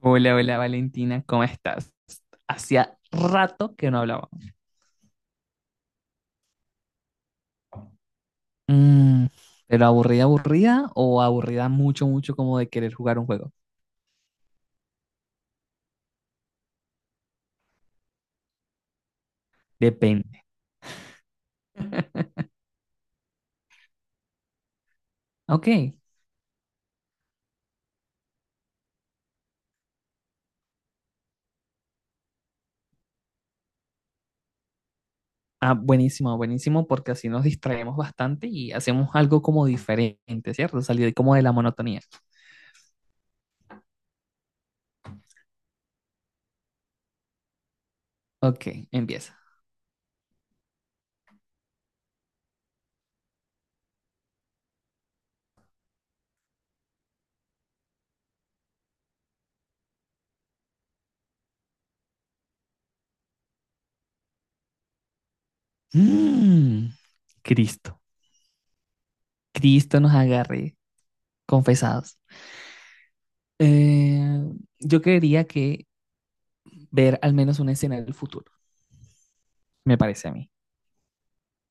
Hola, hola Valentina, ¿cómo estás? Hacía rato que no hablábamos. Mm, ¿Pero aburrida, aburrida o aburrida mucho, mucho como de querer jugar un juego? Depende. Ok. Ah, buenísimo, buenísimo, porque así nos distraemos bastante y hacemos algo como diferente, ¿cierto? Salir como de la monotonía. Ok, empieza. Mm, Cristo, Cristo nos agarre, confesados. Eh, yo quería que ver al menos una escena del futuro, me parece a mí.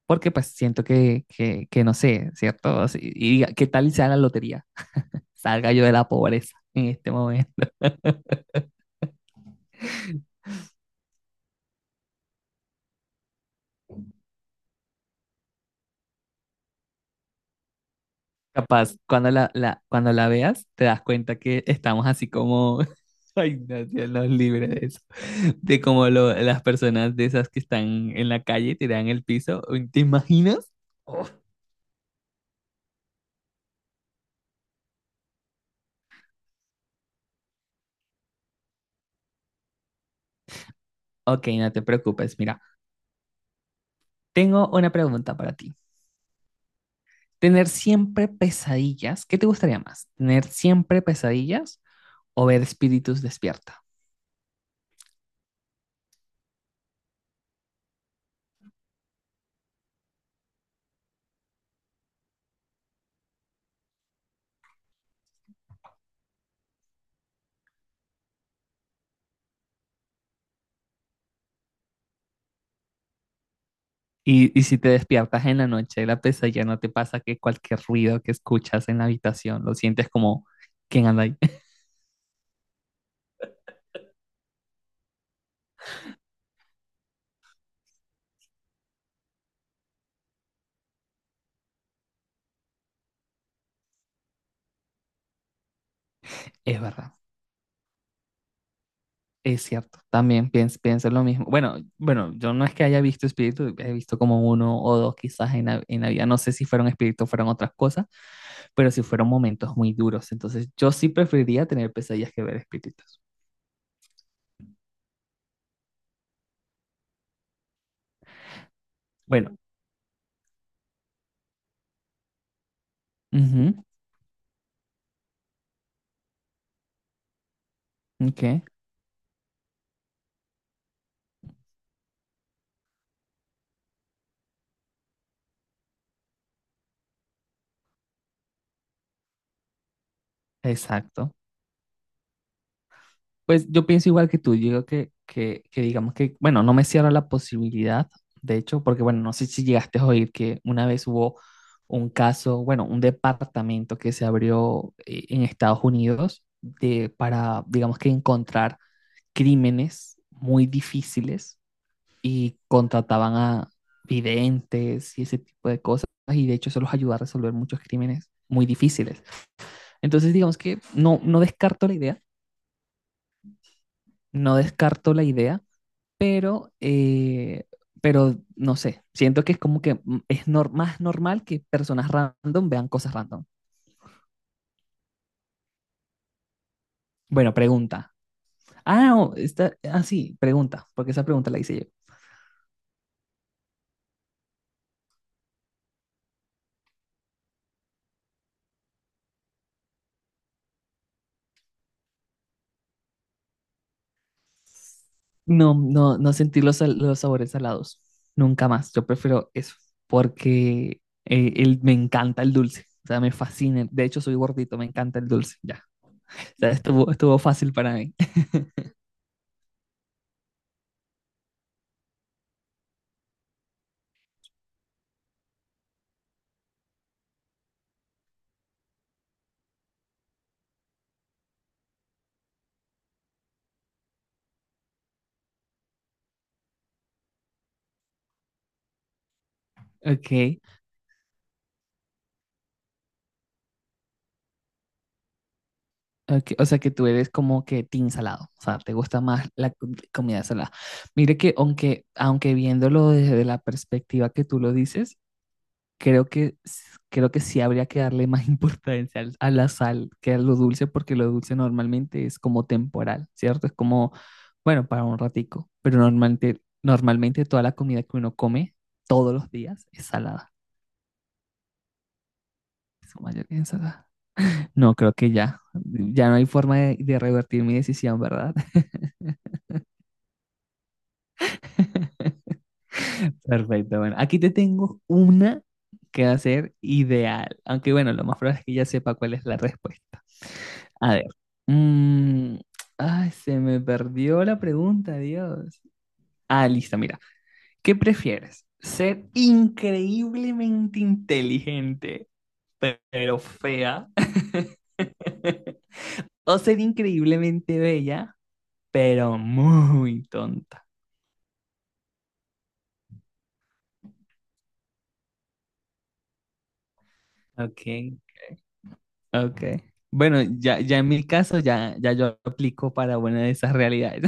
Porque pues siento que no sé, ¿cierto? Y diga, ¿qué tal sea la lotería? Salga yo de la pobreza en este momento. Capaz, cuando cuando la veas, te das cuenta que estamos así como, ay, no, Dios nos libre de eso, de como las personas de esas que están en la calle, tiradas en el piso. Uy, ¿te imaginas? Oh, ok, no te preocupes, mira, tengo una pregunta para ti. ¿Tener siempre pesadillas? ¿Qué te gustaría más? ¿Tener siempre pesadillas o ver espíritus despierta? Y si te despiertas en la noche de la pesadilla, ¿no te pasa que cualquier ruido que escuchas en la habitación lo sientes como quién anda ahí? Es verdad, es cierto. También pienso, pienso lo mismo. Bueno, bueno, yo no es que haya visto espíritus, he visto como uno o dos quizás en en la vida. No sé si fueron espíritus, o fueron otras cosas, pero sí fueron momentos muy duros. Entonces, yo sí preferiría tener pesadillas que ver espíritus. Bueno, ujú, ok, exacto. Pues yo pienso igual que tú, yo digo que digamos que, bueno, no me cierra la posibilidad, de hecho, porque bueno, no sé si llegaste a oír que una vez hubo un caso, bueno, un departamento que se abrió en Estados Unidos de, para, digamos que encontrar crímenes muy difíciles y contrataban a videntes y ese tipo de cosas, y de hecho eso los ayudó a resolver muchos crímenes muy difíciles. Entonces, digamos que no, no descarto la idea, no descarto la idea pero, eh, pero no sé, siento que es como que es más normal que personas random vean cosas random. Bueno, pregunta. Ah, no, está, ah, sí, pregunta, porque esa pregunta la hice yo. No, no, no sentir los sabores salados, nunca más. Yo prefiero eso, porque me encanta el dulce, o sea, me fascina. De hecho, soy gordito, me encanta el dulce, ya. O sea, estuvo fácil para mí. Ok. Ok, o sea que tú eres como que team salado, o sea, te gusta más la comida salada. Mire que aunque viéndolo desde la perspectiva que tú lo dices, creo que, creo que sí habría que darle más importancia a la sal que a lo dulce, porque lo dulce normalmente es como temporal, ¿cierto? Es como, bueno, para un ratico, pero normalmente, normalmente toda la comida que uno come todos los días es salada, su mayoría es salada. No, creo que ya, ya no hay forma de revertir mi decisión, ¿verdad? Perfecto, bueno, aquí te tengo una que va a ser ideal, aunque bueno, lo más probable es que ya sepa cuál es la respuesta. A ver, mm, ay, se me perdió la pregunta, Dios. Ah, listo, mira, ¿qué prefieres? ¿Ser increíblemente inteligente, pero fea? ¿O ser increíblemente bella, pero muy tonta? Ok. Ok. Bueno, ya, ya en mi caso, ya, ya yo aplico para buena de esas realidades.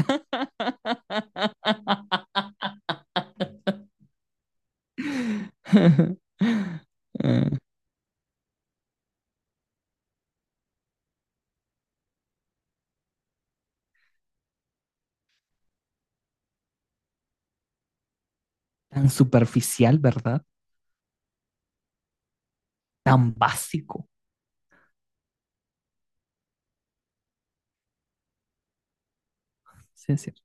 Ah, tan superficial, ¿verdad? Tan básico. Sí, es cierto.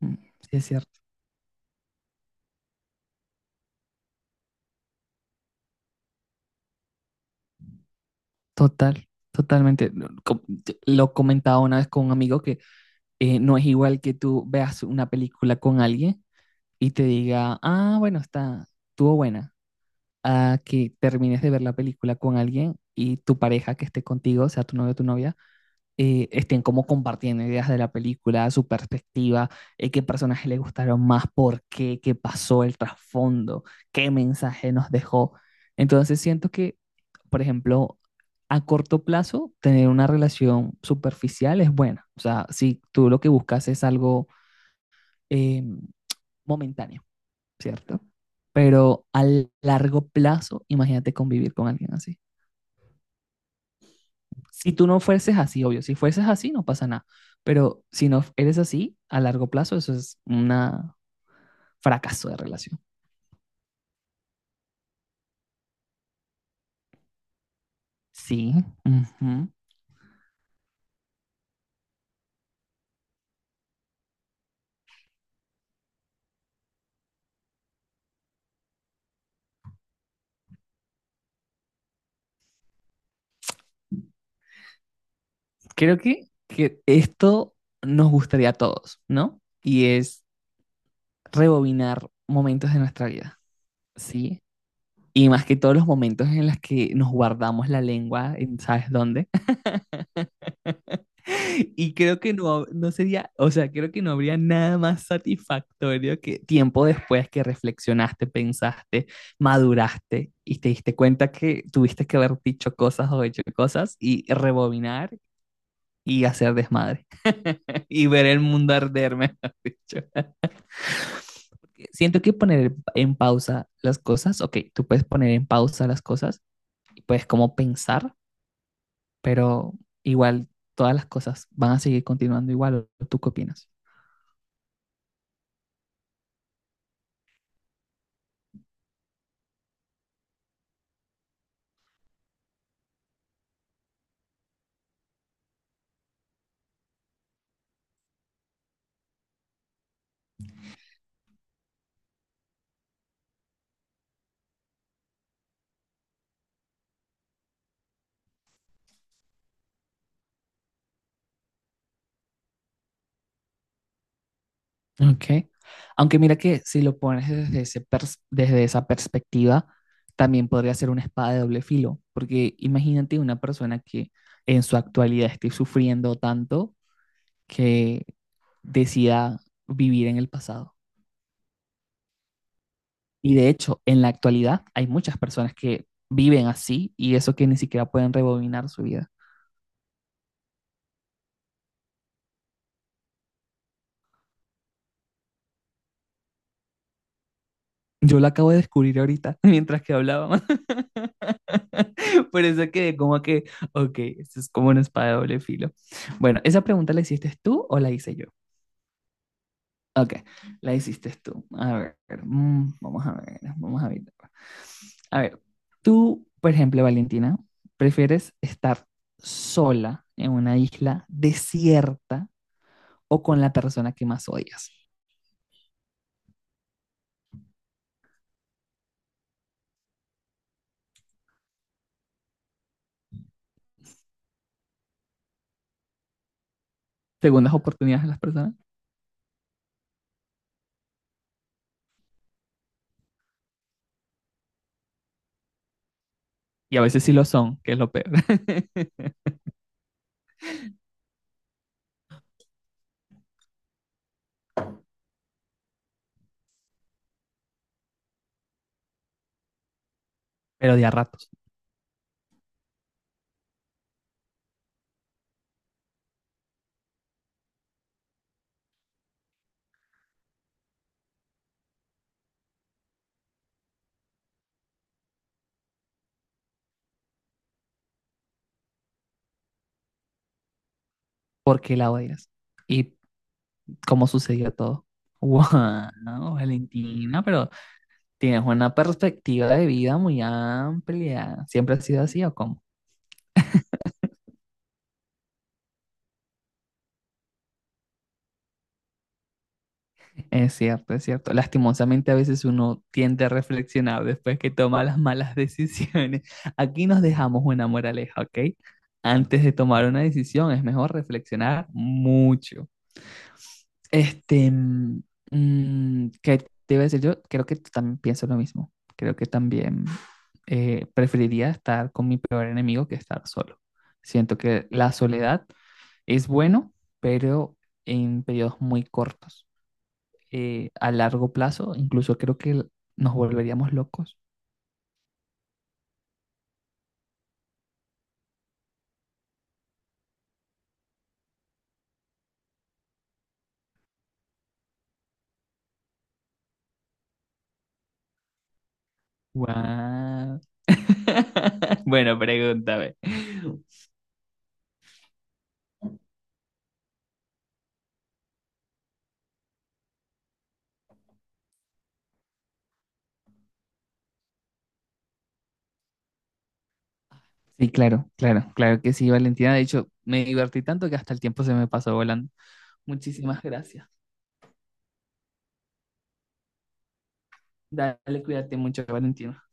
Mm, sí, es cierto. Total, totalmente. No, lo comentaba una vez con un amigo que no es igual que tú veas una película con alguien y te diga, ah, bueno, está, estuvo buena. A que termines de ver la película con alguien y tu pareja que esté contigo, sea tu novio o tu novia, estén como compartiendo ideas de la película, su perspectiva, qué personajes le gustaron más, por qué, qué pasó, el trasfondo, qué mensaje nos dejó. Entonces siento que, por ejemplo, a corto plazo, tener una relación superficial es buena. O sea, si tú lo que buscas es algo eh, momentáneo, ¿cierto? Pero a largo plazo, imagínate convivir con alguien así. Si tú no fuerces así, obvio, si fuerces así no pasa nada, pero si no eres así, a largo plazo eso es un fracaso de relación. Sí. Ujú. Creo que esto nos gustaría a todos, ¿no? Y es rebobinar momentos de nuestra vida, ¿sí? Y más que todos los momentos en los que nos guardamos la lengua, en ¿sabes dónde? Y creo que no, no sería, o sea, creo que no habría nada más satisfactorio que tiempo después que reflexionaste, pensaste, maduraste y te diste cuenta que tuviste que haber dicho cosas o hecho cosas y rebobinar y hacer desmadre y ver el mundo arder, mejor dicho. Siento que poner en pausa las cosas, ok, tú puedes poner en pausa las cosas y puedes como pensar, pero igual todas las cosas van a seguir continuando igual. ¿Tú qué opinas? Ok. Aunque mira que si lo pones desde ese desde esa perspectiva, también podría ser una espada de doble filo, porque imagínate una persona que en su actualidad esté sufriendo tanto que decida vivir en el pasado. Y de hecho, en la actualidad hay muchas personas que viven así y eso que ni siquiera pueden rebobinar su vida. Yo lo acabo de descubrir ahorita mientras que hablaba. Por eso quedé como que, ok, esto es como una espada de doble filo. Bueno, ¿esa pregunta la hiciste tú o la hice yo? Ok, la hiciste tú. A ver, vamos a ver, vamos a ver. A ver, tú, por ejemplo, Valentina, ¿prefieres estar sola en una isla desierta o con la persona que más odias? Segundas oportunidades a las personas. Y a veces sí lo son, que es lo peor. Pero de a ratos, porque la odias. Y cómo sucedió todo. Wow, Valentina, pero tienes una perspectiva de vida muy amplia. ¿Siempre ha sido así o cómo? Es cierto, es cierto. Lastimosamente a veces uno tiende a reflexionar después que toma las malas decisiones. Aquí nos dejamos una moraleja, ¿ok? Antes de tomar una decisión es mejor reflexionar mucho. Este, mm, ¿Qué te iba a decir yo? Creo que también pienso lo mismo. Creo que también preferiría estar con mi peor enemigo que estar solo. Siento que la soledad es bueno, pero en periodos muy cortos. A largo plazo, incluso creo que nos volveríamos locos. Guau. Bueno, pregúntame. Sí, claro, claro, claro que sí, Valentina. De hecho, me divertí tanto que hasta el tiempo se me pasó volando. Muchísimas gracias. Dale, cuídate mucho, Valentina.